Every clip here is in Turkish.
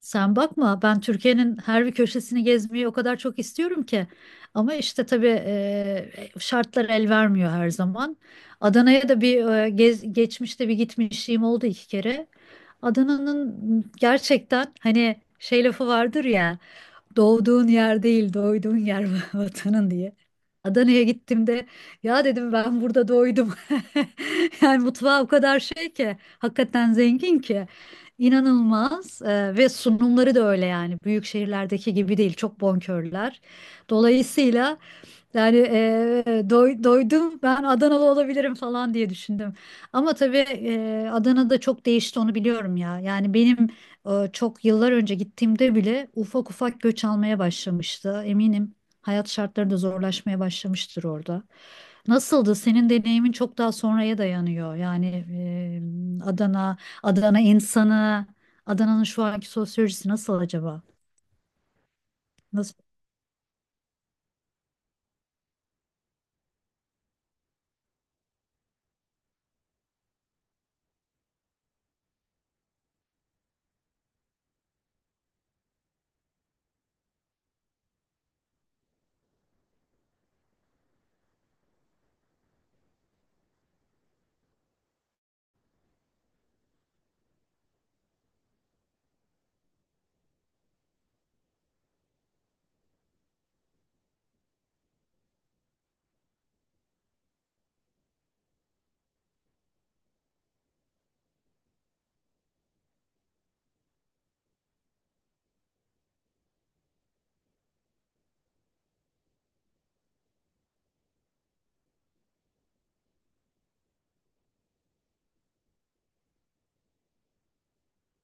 Sen bakma, ben Türkiye'nin her bir köşesini gezmeyi o kadar çok istiyorum ki. Ama işte tabii şartlar el vermiyor her zaman. Adana'ya da bir geçmişte bir gitmişliğim oldu, iki kere. Adana'nın gerçekten hani şey lafı vardır ya: doğduğun yer değil, doyduğun yer vatanın diye. Adana'ya gittiğimde ya dedim, ben burada doydum. Yani mutfağı o kadar şey ki, hakikaten zengin ki inanılmaz. Ve sunumları da öyle, yani büyük şehirlerdeki gibi değil, çok bonkörler. Dolayısıyla yani doydum, ben Adanalı olabilirim falan diye düşündüm. Ama tabii Adana'da çok değişti, onu biliyorum ya. Yani benim çok yıllar önce gittiğimde bile ufak ufak göç almaya başlamıştı. Eminim hayat şartları da zorlaşmaya başlamıştır orada. Nasıldı? Senin deneyimin çok daha sonraya dayanıyor. Yani Adana insanı, Adana'nın şu anki sosyolojisi nasıl acaba? Nasıl?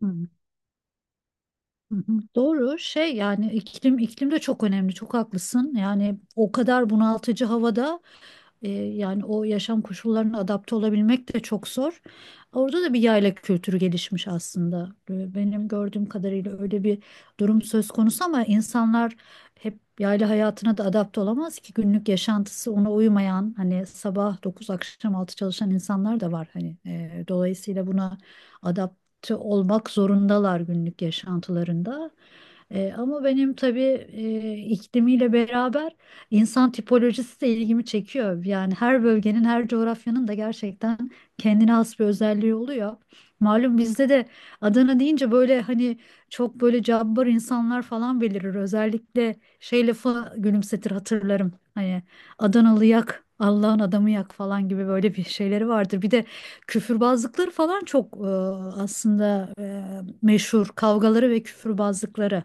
Hı, hı, hı. Doğru şey, yani iklim iklim de çok önemli, çok haklısın, yani o kadar bunaltıcı havada. Yani o yaşam koşullarına adapte olabilmek de çok zor. Orada da bir yayla kültürü gelişmiş aslında. Benim gördüğüm kadarıyla öyle bir durum söz konusu, ama insanlar hep yayla hayatına da adapte olamaz ki, günlük yaşantısı ona uymayan, hani sabah 9 akşam 6 çalışan insanlar da var, hani dolayısıyla buna adapte olmak zorundalar günlük yaşantılarında. Ama benim tabii iklimiyle beraber insan tipolojisi de ilgimi çekiyor. Yani her bölgenin, her coğrafyanın da gerçekten kendine has bir özelliği oluyor. Malum bizde de Adana deyince böyle hani çok böyle cabbar insanlar falan belirir. Özellikle şey lafı gülümsetir, hatırlarım. Hani Adanalı yak, Allah'ın adamı yak falan gibi böyle bir şeyleri vardır. Bir de küfürbazlıkları falan çok, aslında, meşhur kavgaları ve küfürbazlıkları.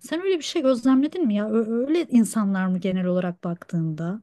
Sen öyle bir şey gözlemledin mi ya? Öyle insanlar mı genel olarak baktığında?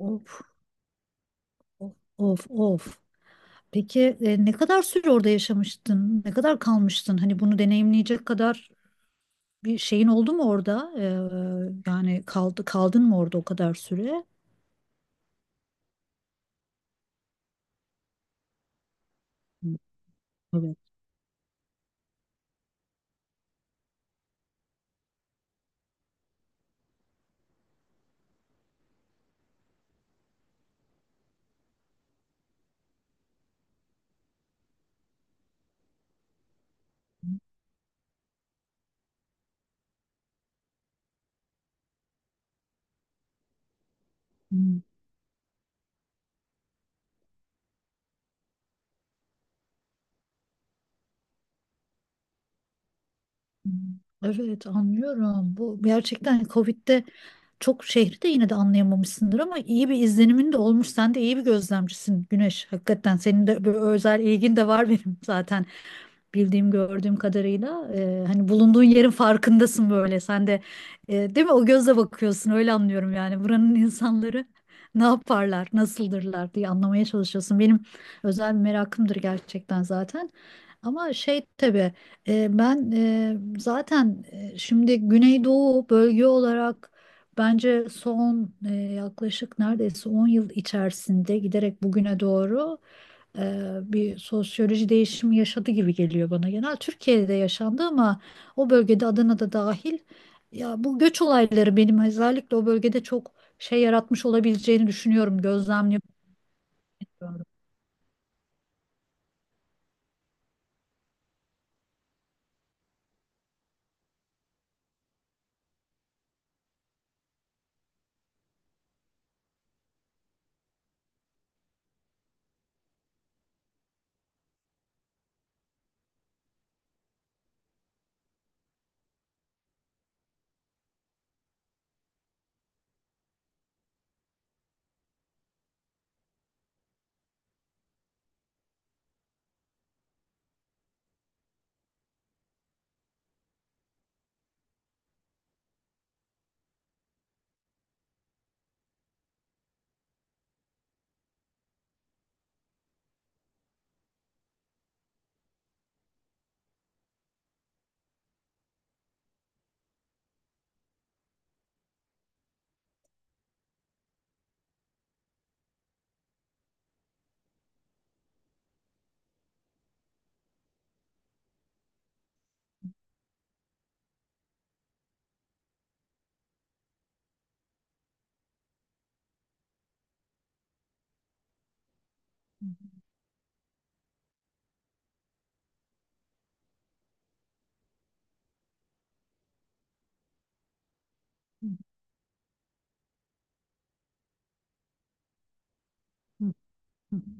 Of, of, of. Peki ne kadar süre orada yaşamıştın? Ne kadar kalmıştın? Hani bunu deneyimleyecek kadar bir şeyin oldu mu orada? Yani kaldın mı orada o kadar süre? Hı, evet. Hı, hı. Evet, anlıyorum. Bu gerçekten hani Covid'de çok şehri de yine de anlayamamışsındır, ama iyi bir izlenimin de olmuş. Sen de iyi bir gözlemcisin, Güneş. Hakikaten senin de böyle özel ilgin de var, benim zaten bildiğim gördüğüm kadarıyla, hani bulunduğun yerin farkındasın, böyle sen de, değil mi, o gözle bakıyorsun, öyle anlıyorum yani buranın insanları ne yaparlar nasıldırlar diye anlamaya çalışıyorsun, benim özel bir merakımdır gerçekten zaten. Ama şey tabii ben zaten şimdi Güneydoğu bölge olarak. Bence son yaklaşık neredeyse 10 yıl içerisinde giderek bugüne doğru bir sosyoloji değişimi yaşadı gibi geliyor bana. Genel Türkiye'de yaşandı, ama o bölgede, Adana'da dahil, ya bu göç olayları benim özellikle o bölgede çok şey yaratmış olabileceğini düşünüyorum, gözlemliyorum.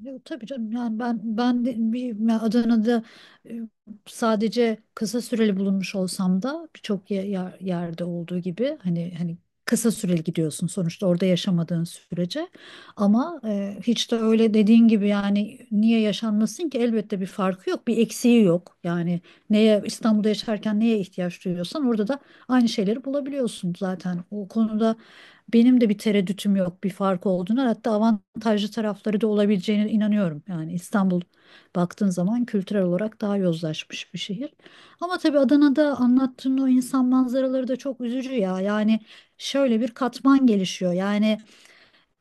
Yok, tabii canım, yani ben de bir ya Adana'da e, sadece kısa süreli bulunmuş olsam da, birçok yerde olduğu gibi, hani kısa süreli gidiyorsun sonuçta orada yaşamadığın sürece, ama hiç de öyle dediğin gibi, yani niye yaşanmasın ki, elbette bir farkı yok, bir eksiği yok, yani neye İstanbul'da yaşarken neye ihtiyaç duyuyorsan orada da aynı şeyleri bulabiliyorsun, zaten o konuda benim de bir tereddütüm yok bir fark olduğuna, hatta avantajlı tarafları da olabileceğine inanıyorum. Yani İstanbul, baktığın zaman, kültürel olarak daha yozlaşmış bir şehir. Ama tabii Adana'da anlattığın o insan manzaraları da çok üzücü ya. Yani şöyle bir katman gelişiyor. Yani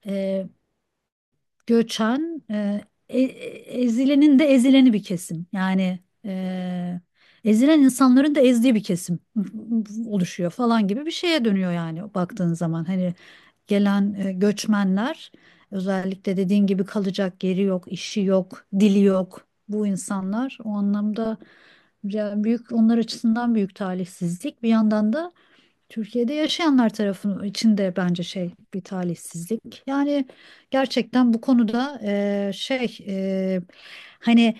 e, göçen, e- ezilenin de ezileni bir kesim. Yani e, ezilen insanların da ezdiği bir kesim oluşuyor falan gibi bir şeye dönüyor yani baktığın zaman. Hani gelen göçmenler, özellikle dediğin gibi kalacak yeri yok, işi yok, dili yok, bu insanlar o anlamda, ya büyük, onlar açısından büyük talihsizlik. Bir yandan da Türkiye'de yaşayanlar tarafının içinde bence şey bir talihsizlik. Yani gerçekten bu konuda şey hani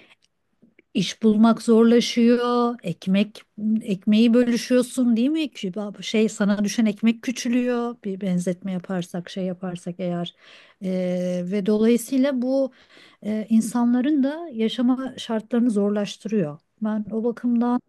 İş bulmak zorlaşıyor. Ekmeği bölüşüyorsun değil mi? Ki şey, sana düşen ekmek küçülüyor. Bir benzetme yaparsak şey yaparsak eğer. Ve dolayısıyla bu insanların da yaşama şartlarını zorlaştırıyor. Ben o bakımdan.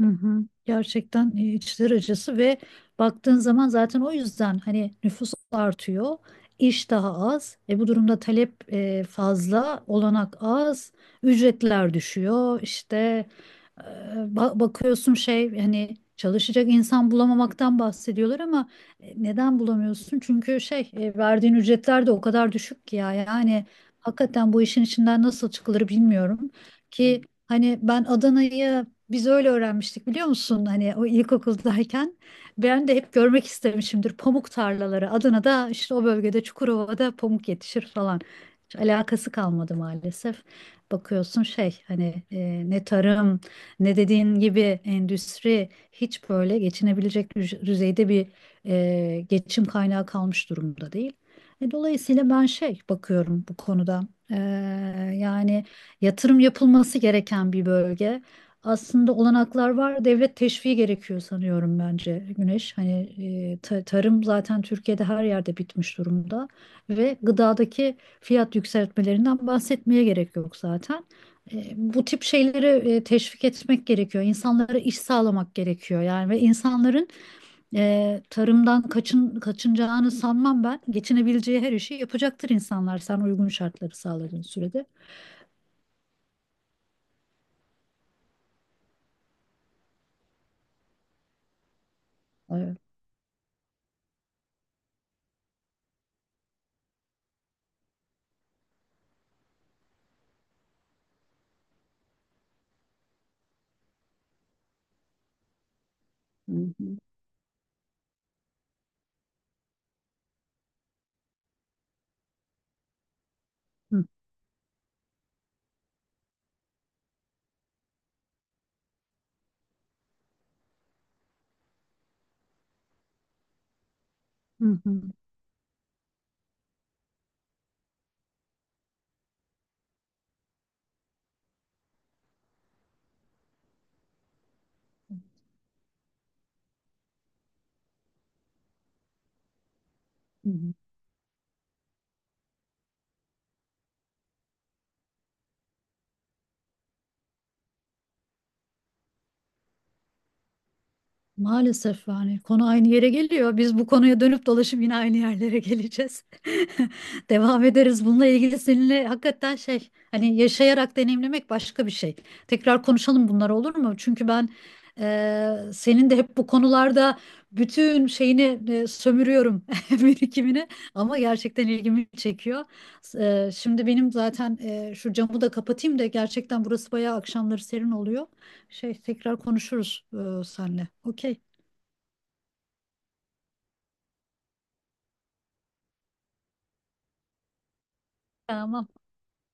Hı hı. Gerçekten içler acısı ve baktığın zaman zaten o yüzden hani nüfus artıyor, iş daha az. Bu durumda talep fazla, olanak az, ücretler düşüyor. İşte e, bakıyorsun şey hani çalışacak insan bulamamaktan bahsediyorlar, ama neden bulamıyorsun? Çünkü şey verdiğin ücretler de o kadar düşük ki ya, yani hakikaten bu işin içinden nasıl çıkılır bilmiyorum ki. Hani ben Adana'yı biz öyle öğrenmiştik biliyor musun? Hani o ilkokuldayken ben de hep görmek istemişimdir pamuk tarlaları. Adana'da işte o bölgede Çukurova'da pamuk yetişir falan. Hiç alakası kalmadı maalesef. Bakıyorsun şey hani ne tarım ne dediğin gibi endüstri, hiç böyle geçinebilecek düzeyde bir geçim kaynağı kalmış durumda değil. Dolayısıyla ben şey bakıyorum bu konuda. E, Yani yatırım yapılması gereken bir bölge, aslında olanaklar var. Devlet teşviği gerekiyor sanıyorum, bence Güneş. Hani tarım zaten Türkiye'de her yerde bitmiş durumda ve gıdadaki fiyat yükseltmelerinden bahsetmeye gerek yok zaten. Bu tip şeyleri teşvik etmek gerekiyor. İnsanlara iş sağlamak gerekiyor. Yani ve insanların tarımdan kaçınacağını sanmam ben. Geçinebileceği her işi yapacaktır insanlar, sen uygun şartları sağladığın sürede. Evet. Hı hı. Hı hı. Hı hı. Maalesef yani konu aynı yere geliyor. Biz bu konuya dönüp dolaşıp yine aynı yerlere geleceğiz. Devam ederiz. Bununla ilgili seninle hakikaten şey hani yaşayarak deneyimlemek başka bir şey. Tekrar konuşalım bunlar, olur mu? Çünkü ben senin de hep bu konularda bütün şeyini sömürüyorum birikimini, ama gerçekten ilgimi çekiyor. Şimdi benim zaten şu camı da kapatayım da, gerçekten burası bayağı akşamları serin oluyor. Şey, tekrar konuşuruz senle. Okey. Ama